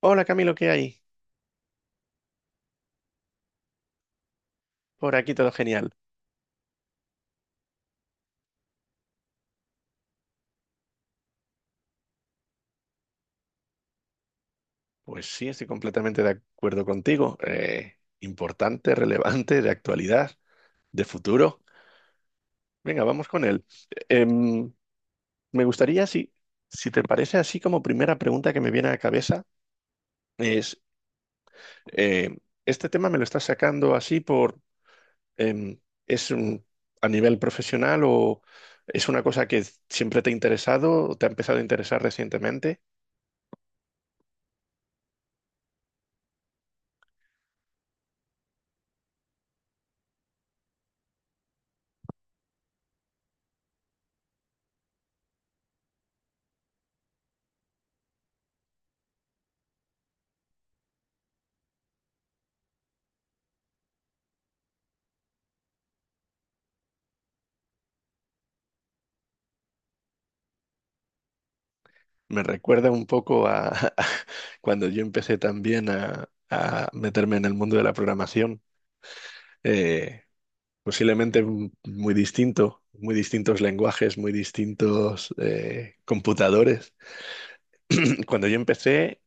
Hola Camilo, ¿qué hay? Por aquí todo genial. Pues sí, estoy completamente de acuerdo contigo. Importante, relevante, de actualidad, de futuro. Venga, vamos con él. Em, Me gustaría, si te parece así como primera pregunta que me viene a la cabeza, es, em, ¿este tema me lo estás sacando así por, em, es un- a nivel profesional o es una cosa que siempre te ha interesado o te ha empezado a interesar recientemente? Me recuerda un poco a, cuando yo empecé también a meterme en el mundo de la programación. Eh, Posiblemente muy muy distintos lenguajes, muy distintos computadores. Cuando yo empecé,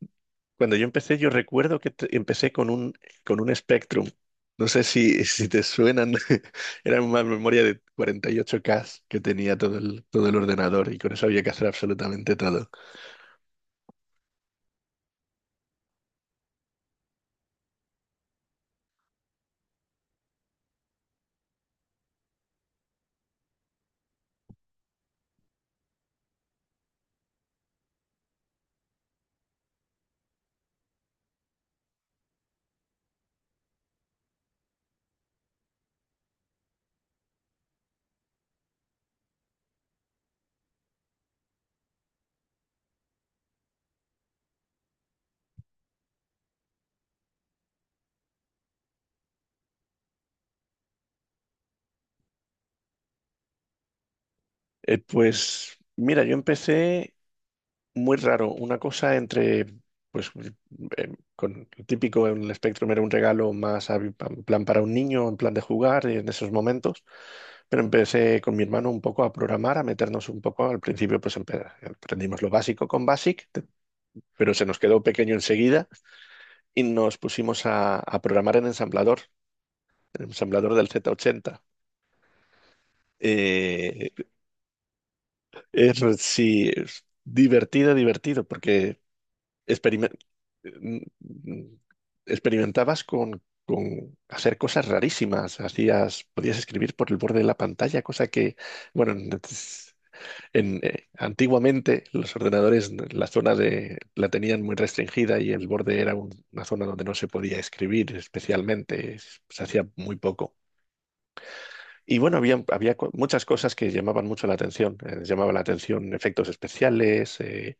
Cuando yo empecé, yo recuerdo que empecé con un Spectrum. No sé si te suenan, era una memoria de 48K que tenía todo el ordenador y con eso había que hacer absolutamente todo. Pues mira, yo empecé muy raro. Una cosa entre, pues, con lo típico en el Spectrum era un regalo más en plan para un niño, en plan de jugar en esos momentos. Pero empecé con mi hermano un poco a programar, a meternos un poco. Al principio, pues aprendimos lo básico con BASIC, pero se nos quedó pequeño enseguida y nos pusimos a programar en ensamblador del Z80. Eh, sí, es divertido, divertido, porque experimen- mm, experimentabas con hacer cosas rarísimas. Podías escribir por el borde de la pantalla, cosa que, bueno, antiguamente los ordenadores, la tenían muy restringida y el borde era una zona donde no se podía escribir especialmente, se hacía muy poco. Y bueno, había, muchas cosas que llamaban mucho la atención. Llamaba la atención efectos especiales, eh,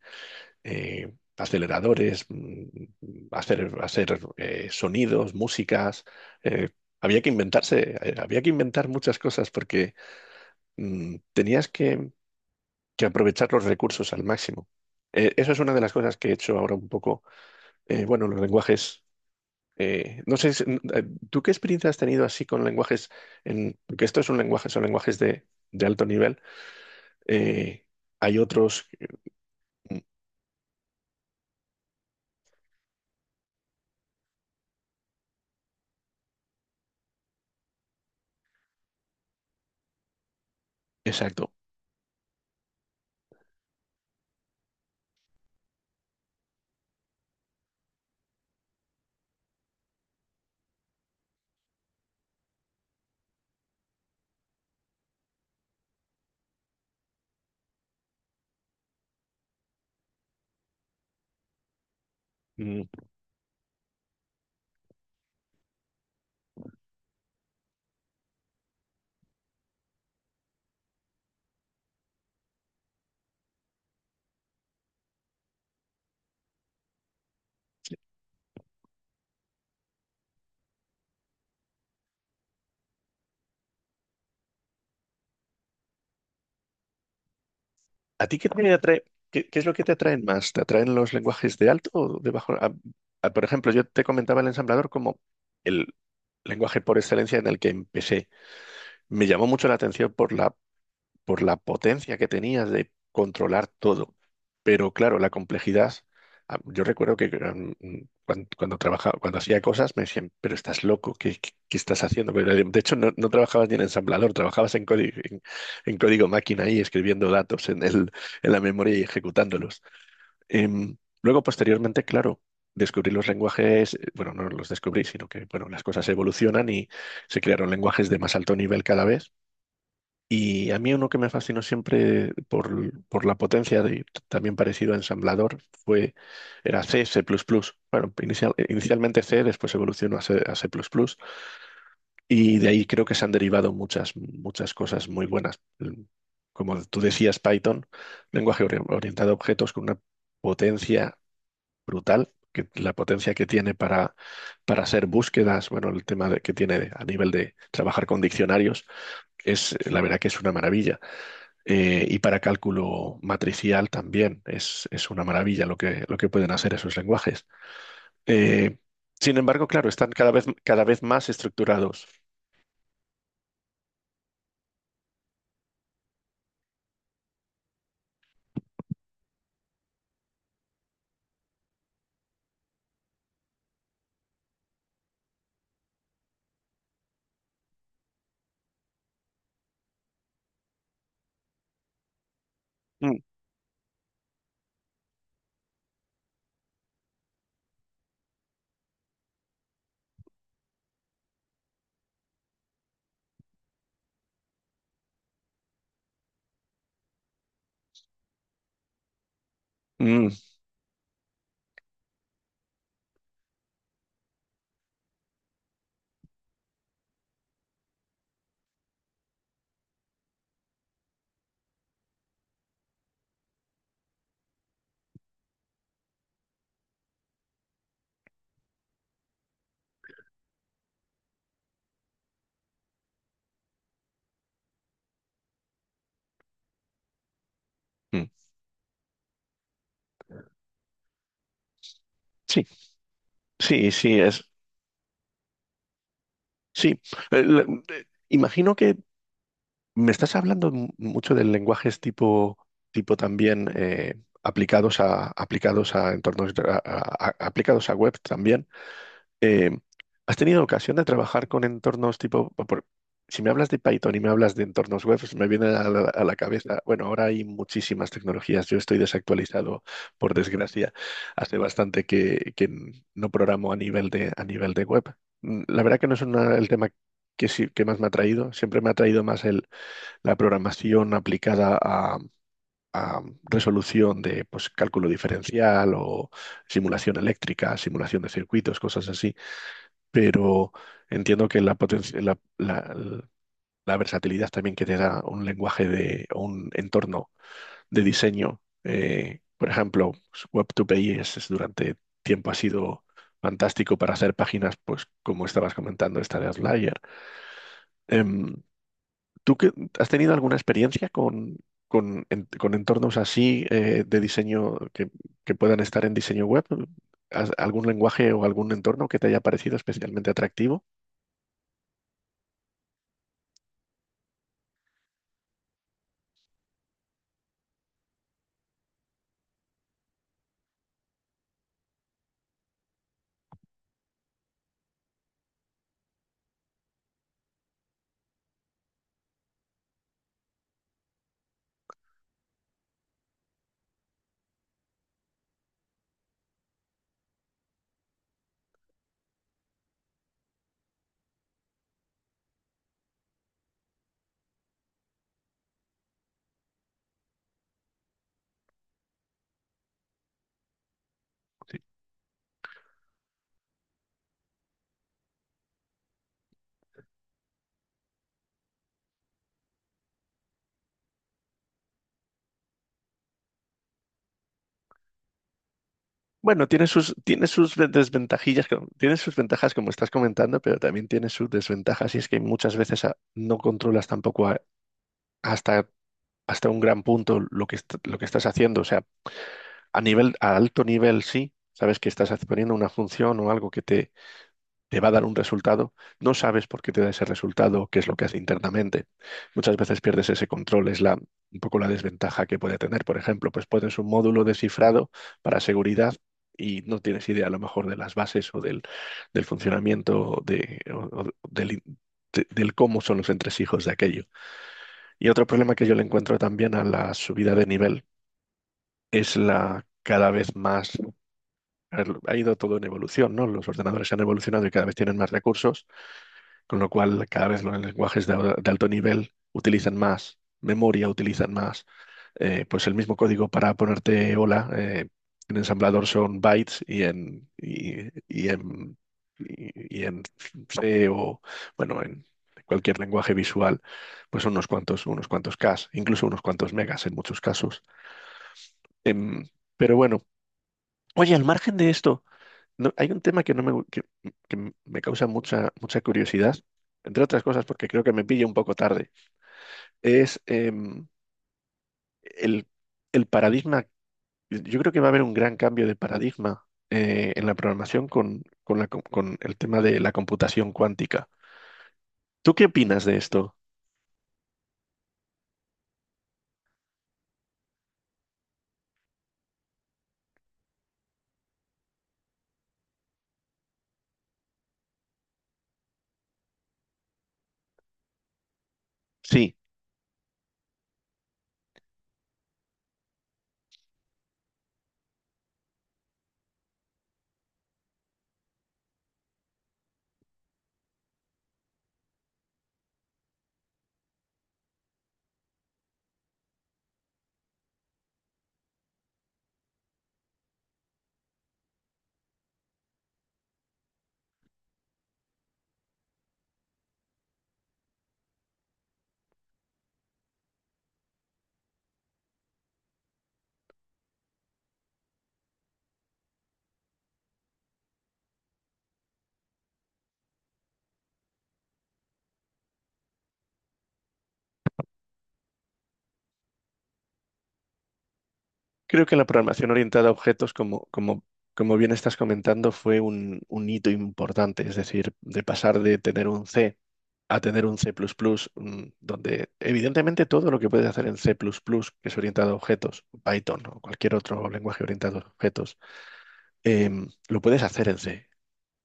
eh, aceleradores, hacer sonidos, músicas. eh, Había que inventar muchas cosas porque tenías que aprovechar los recursos al máximo. Eso es una de las cosas que he hecho ahora un poco. Bueno, los lenguajes. No sé, eh, ¿tú qué experiencia has tenido así con lenguajes? Porque esto es un lenguaje, son lenguajes de alto nivel. Eh, Hay otros, mm, exacto. mm, ¿A ti qué te atrae? ¿Qué es lo que te atraen más? ¿Te atraen los lenguajes de alto o de bajo? Por ejemplo, yo te comentaba el ensamblador como el lenguaje por excelencia en el que empecé. Me llamó mucho la atención por la potencia que tenías de controlar todo. Pero claro, la complejidad, yo recuerdo que cuando hacía cosas me decían, pero estás loco, qué estás haciendo? De hecho, no trabajabas ni en ensamblador, trabajabas en código, en código máquina y escribiendo datos en el, en la memoria y ejecutándolos. Em, Luego, posteriormente, claro. Descubrí los lenguajes, bueno, no los descubrí, sino que, bueno, las cosas evolucionan y se crearon lenguajes de más alto nivel cada vez y a mí uno que me fascinó siempre por la potencia, de, también parecido a ensamblador, fue, era C, C++. Bueno, inicialmente C, después evolucionó a C, a C++. Y de ahí creo que se han derivado muchas, muchas cosas muy buenas. Como tú decías, Python, lenguaje orientado a objetos con una potencia brutal, la potencia que tiene para, hacer búsquedas, bueno, el tema que tiene a nivel de trabajar con diccionarios, es la verdad que es una maravilla y para cálculo matricial también. Es una maravilla lo que pueden hacer esos lenguajes. Eh, Sin embargo, claro, están cada vez más estructurados. Mm, mm, mm. Sí, sí, sí, sí. Eh, la- Imagino que me estás hablando mucho de lenguajes tipo también aplicados a entornos, aplicados a web también. eh, ¿Has tenido ocasión de trabajar con entornos tipo, si me hablas de Python y me hablas de entornos web, se me viene a la cabeza, bueno, ahora hay muchísimas tecnologías, yo estoy desactualizado, por desgracia, hace bastante que no programo a nivel de, web. La verdad que no es el tema que más me ha traído, siempre me ha traído más la programación aplicada a resolución de pues, cálculo diferencial o simulación eléctrica, simulación de circuitos, cosas así pero entiendo que la, poten- la- la versatilidad también que te da un lenguaje de o un entorno de diseño. Por ejemplo, pues, Web2PI es durante tiempo ha sido fantástico para hacer páginas, pues como estabas comentando, esta de Outlier. Em, ¿Tú has tenido alguna experiencia con entornos así de diseño que puedan estar en diseño web? ¿Algún lenguaje o algún entorno que te haya parecido especialmente atractivo? Bueno, tiene sus desventajillas, tiene sus ventajas como estás comentando, pero también tiene sus desventajas y es que muchas veces no controlas tampoco hasta, hasta un gran punto lo que estás haciendo. O sea, a alto nivel sí, sabes que estás poniendo una función o algo que te va a dar un resultado, no sabes por qué te da ese resultado, qué es lo que hace internamente. Muchas veces pierdes ese control, un poco la desventaja que puede tener. Por ejemplo, pues pones un módulo de cifrado para seguridad y no tienes idea a lo mejor de las bases o del funcionamiento de, o del, de- del cómo son los entresijos de aquello. Y otro problema que yo le encuentro también a la subida de nivel es la cada vez más, a ver, ha ido todo en evolución, ¿no? Los ordenadores han evolucionado y cada vez tienen más recursos con lo cual, cada vez los lenguajes de alto nivel utilizan más memoria, utilizan más. Pues el mismo código para ponerte hola en ensamblador son bytes y en C o, bueno, en cualquier lenguaje visual, pues son unos cuantos Ks, incluso unos cuantos megas en muchos casos. Em, pero bueno, oye, al margen de esto, hay un tema que, no me, que me causa mucha, mucha curiosidad, entre otras cosas porque creo que me pilla un poco tarde. Es el, el paradigma. Yo creo que va a haber un gran cambio de paradigma en la programación con el tema de la computación cuántica. ¿Tú qué opinas de esto? Sí, creo que la programación orientada a objetos, como bien estás comentando, fue un hito importante, es decir, de pasar de tener un C a tener un C++, plus plus donde evidentemente todo lo que puedes hacer en C++, plus plus, que es orientado a objetos, Python o cualquier otro lenguaje orientado a objetos, lo puedes hacer en C,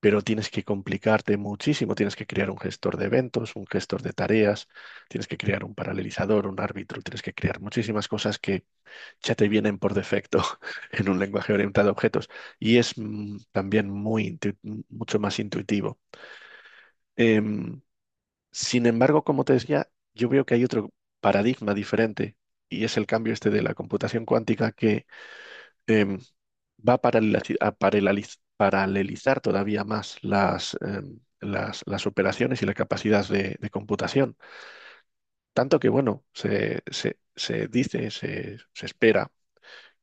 pero tienes que complicarte muchísimo, tienes que crear un gestor de eventos, un gestor de tareas, tienes que crear un paralelizador, un árbitro, tienes que crear muchísimas cosas que ya te vienen por defecto en un lenguaje orientado a objetos y es también mucho más intuitivo. Em, Sin embargo, como te decía, yo veo que hay otro paradigma diferente y es el cambio este de la computación cuántica que em, va a paralelizar todavía más las operaciones y la capacidad de computación. Tanto que, bueno, se dice, se espera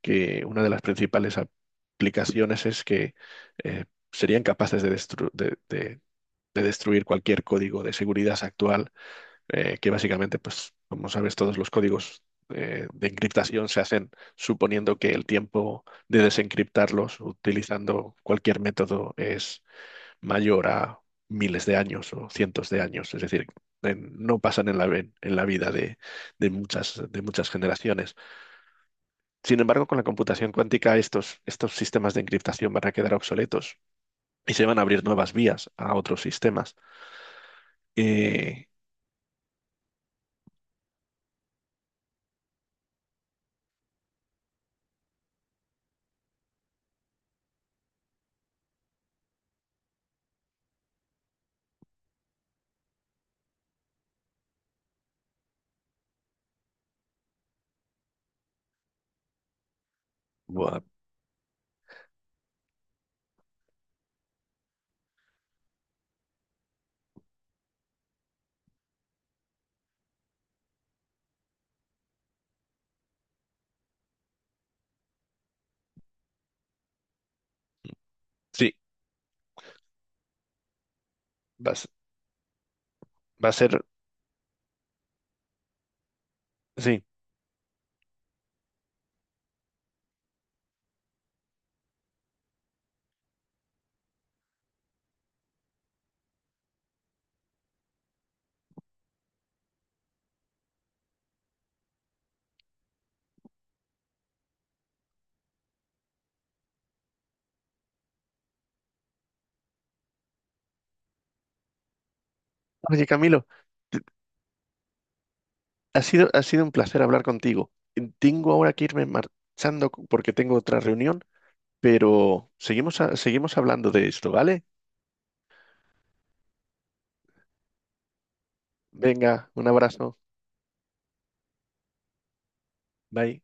que una de las principales aplicaciones es que eh, serían capaces de destruir cualquier código de seguridad actual que básicamente, pues, como sabes, todos los códigos de encriptación se hacen suponiendo que el tiempo de desencriptarlos utilizando cualquier método es mayor a miles de años o cientos de años. Es decir, no pasan en la vida de muchas generaciones. Sin embargo, con la computación cuántica, estos sistemas de encriptación van a quedar obsoletos y se van a abrir nuevas vías a otros sistemas. Eh, Buah, sí, vas- va a ser. Sí, oye, Camilo, t- ha sido, un placer hablar contigo. Tengo ahora que irme marchando porque tengo otra reunión, pero seguimos, seguimos hablando de esto, ¿vale? Venga, un abrazo. Bye.